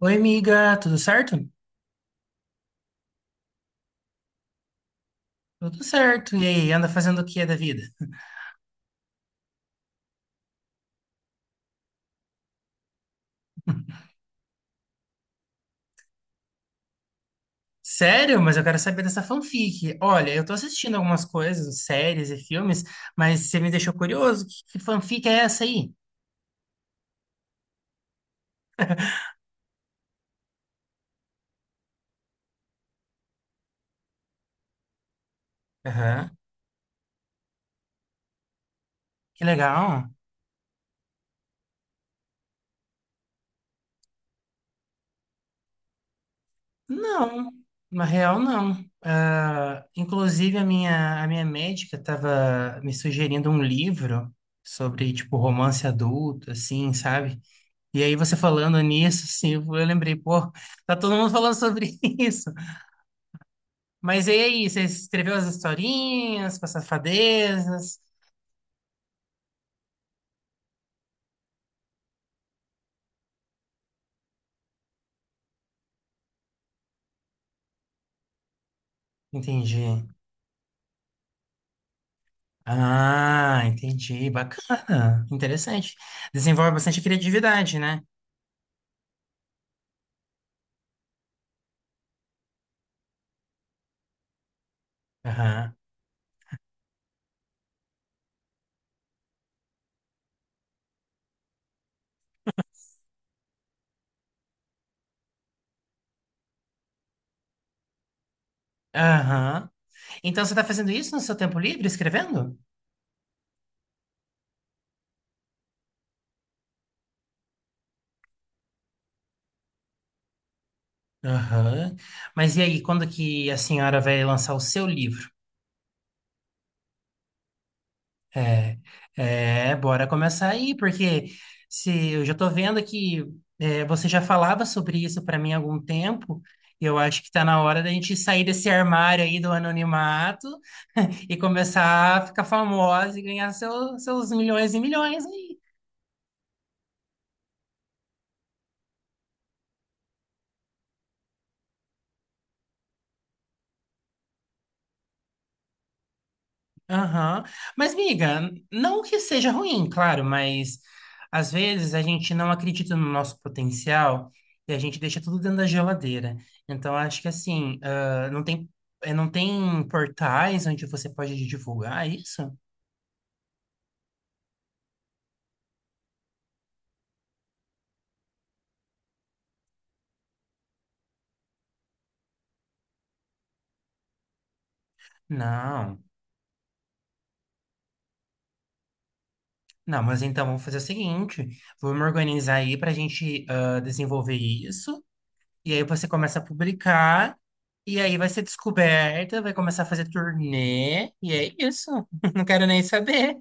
Oi, amiga, tudo certo? Tudo certo. E aí, anda fazendo o que da vida? Sério? Mas eu quero saber dessa fanfic. Olha, eu tô assistindo algumas coisas, séries e filmes, mas você me deixou curioso. Que fanfic é essa aí? Aham. Que legal. Não, na real, não. Ah, inclusive, a minha médica estava me sugerindo um livro sobre, tipo, romance adulto, assim, sabe? E aí, você falando nisso, assim, eu lembrei, pô, tá todo mundo falando sobre isso. Mas e aí, você escreveu as historinhas com as safadezas? Entendi. Ah, entendi. Bacana. Interessante. Desenvolve bastante criatividade, né? Aham. Aham. Então você está fazendo isso no seu tempo livre, escrevendo? Aham. Mas e aí, quando que a senhora vai lançar o seu livro? É, Bora começar aí, porque se eu já tô vendo que você já falava sobre isso para mim há algum tempo, e eu acho que tá na hora da gente sair desse armário aí do anonimato e começar a ficar famosa e ganhar seu- seus milhões e milhões aí. Aham. Mas, miga, não que seja ruim, claro, mas às vezes a gente não acredita no nosso potencial e a gente deixa tudo dentro da geladeira. Então, acho que assim, ah, não tem, não tem portais onde você pode divulgar isso? Não. Não, mas então vamos fazer o seguinte: vamos organizar aí para a gente ah, desenvolver isso. E aí você começa a publicar, e aí vai ser descoberta, vai começar a fazer turnê, e é isso. Não quero nem saber.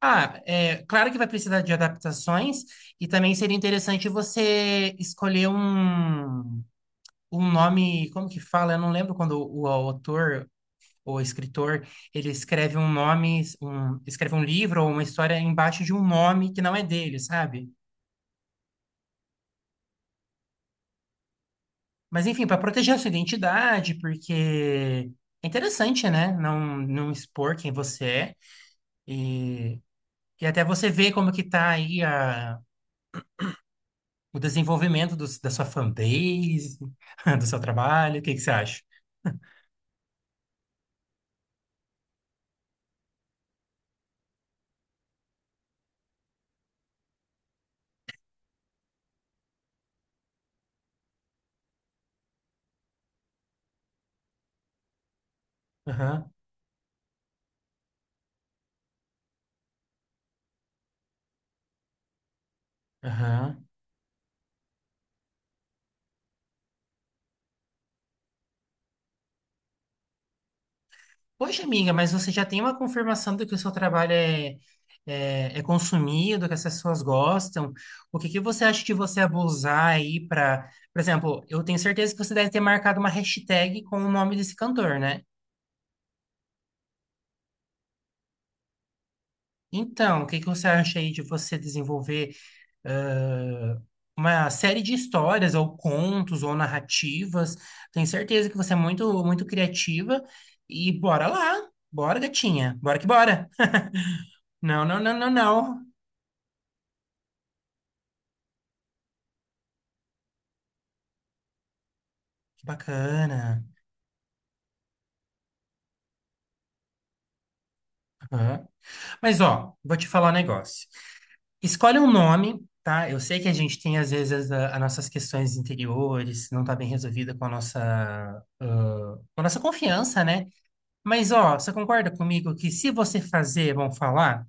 Ah, é claro que vai precisar de adaptações, e também seria interessante você escolher um, um nome, como que fala? Eu não lembro quando o autor ou escritor, ele escreve um nome, um, escreve um livro ou uma história embaixo de um nome que não é dele, sabe? Mas enfim, para proteger a sua identidade, porque é interessante, né? Não, não expor quem você é. E, e até você ver como que tá aí a, o desenvolvimento dos- da sua fanbase, do seu trabalho. O que que você acha? Aham, aham. Poxa, amiga, mas você já tem uma confirmação de que o seu trabalho é consumido, que as pessoas gostam. O que que você acha de você abusar aí para, por exemplo, eu tenho certeza que você deve ter marcado uma hashtag com o nome desse cantor, né? Então, o que que você acha aí de você desenvolver ãh, uma série de histórias ou contos ou narrativas? Tenho certeza que você é muito, muito criativa e bora lá, bora, gatinha, bora que bora. Não, não, não, não, não. Que bacana. Aham. Mas, ó, vou te falar um negócio. Escolhe um nome, tá? Eu sei que a gente tem, às vezes, a- as nossas questões interiores, não tá bem resolvida com a nossa, ah, com a nossa confiança, né? Mas, ó, você concorda comigo que se você fazer, vão falar?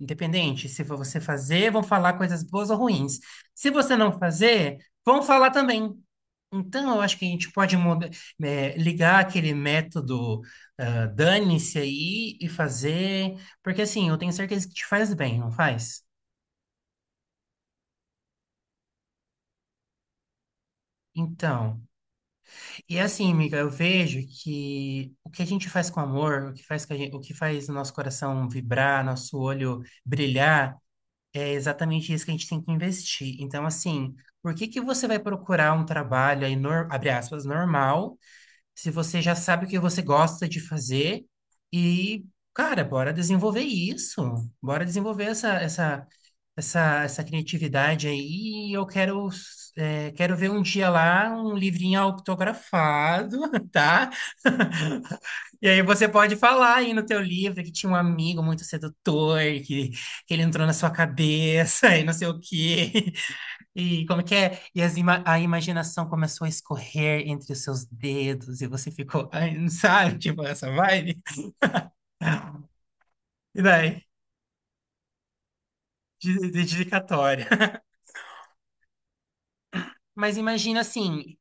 Independente, se for você fazer, vão falar coisas boas ou ruins. Se você não fazer, vão falar também. Então, eu acho que a gente pode muda- ligar aquele método, ah, dane-se aí e fazer, porque assim, eu tenho certeza que te faz bem, não faz? Então, e assim, amiga, eu vejo que o que a gente faz com amor, o que faz, com a gen- o que faz o nosso coração vibrar, nosso olho brilhar, é exatamente isso que a gente tem que investir. Então, assim, por que que você vai procurar um trabalho aí, nor- abre aspas, normal, se você já sabe o que você gosta de fazer e, cara, bora desenvolver isso. Bora desenvolver essa criatividade aí. E eu quero, quero ver um dia lá um livrinho autografado, tá? E aí você pode falar aí no teu livro que tinha um amigo muito sedutor, que ele entrou na sua cabeça e não sei o quê. E como que é? E as ima- a imaginação começou a escorrer entre os seus dedos e você ficou, ai, não sabe, tipo essa vibe? E daí, dedicatória. Mas imagina assim,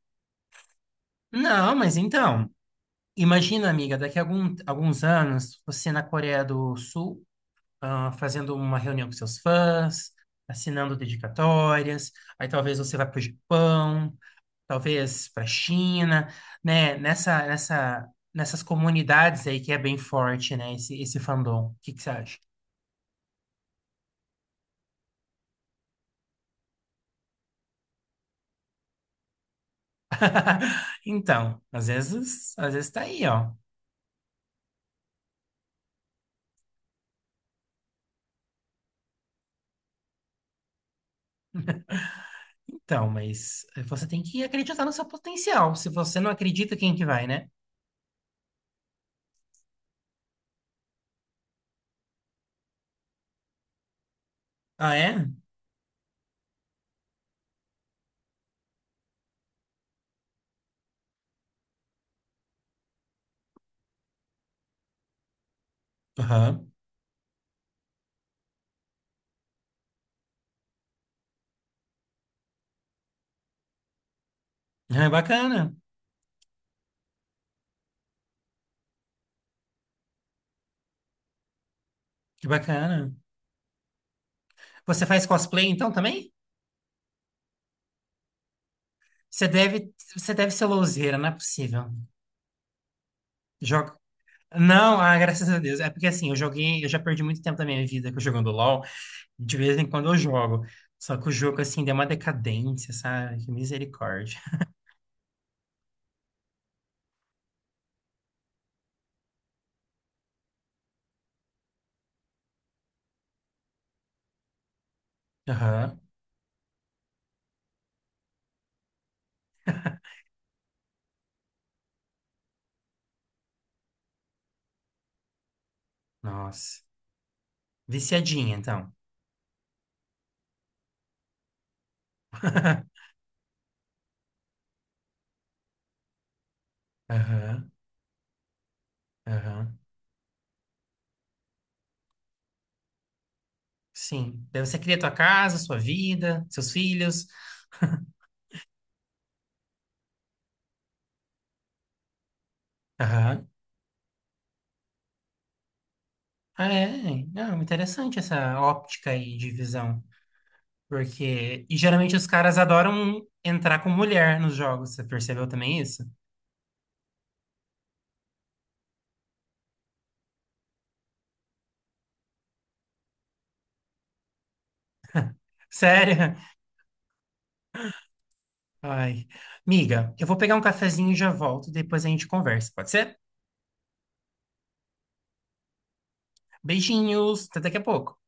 não, mas então, imagina, amiga, daqui a algum, alguns anos, você na Coreia do Sul ah, fazendo uma reunião com seus fãs, assinando dedicatórias, aí talvez você vá para o Japão, talvez para a China, né? Nessas comunidades aí que é bem forte, né? Esse fandom. O que que você acha? Então, às vezes tá aí, ó. Então, mas você tem que acreditar no seu potencial. Se você não acredita, quem que vai, né? Ah, é? Aham. Ah, é bacana. Que bacana. Você faz cosplay então também? Você deve ser louzeira, não é possível. Joga. Não, ah, graças a Deus. É porque assim, eu joguei, eu já perdi muito tempo da minha vida jogando LOL. De vez em quando eu jogo. Só que o jogo, assim, deu uma decadência, sabe? Que misericórdia. Aham. Nossa. Viciadinha, então. Aham. Aham. Sim. Daí você cria tua casa, sua vida, seus filhos. Aham. Ah, é. Não, interessante essa óptica aí de visão. Porque. E geralmente os caras adoram entrar com mulher nos jogos. Você percebeu também isso? Sério? Ai. Miga, eu vou pegar um cafezinho e já volto. Depois a gente conversa, pode ser? Beijinhos, até daqui a pouco.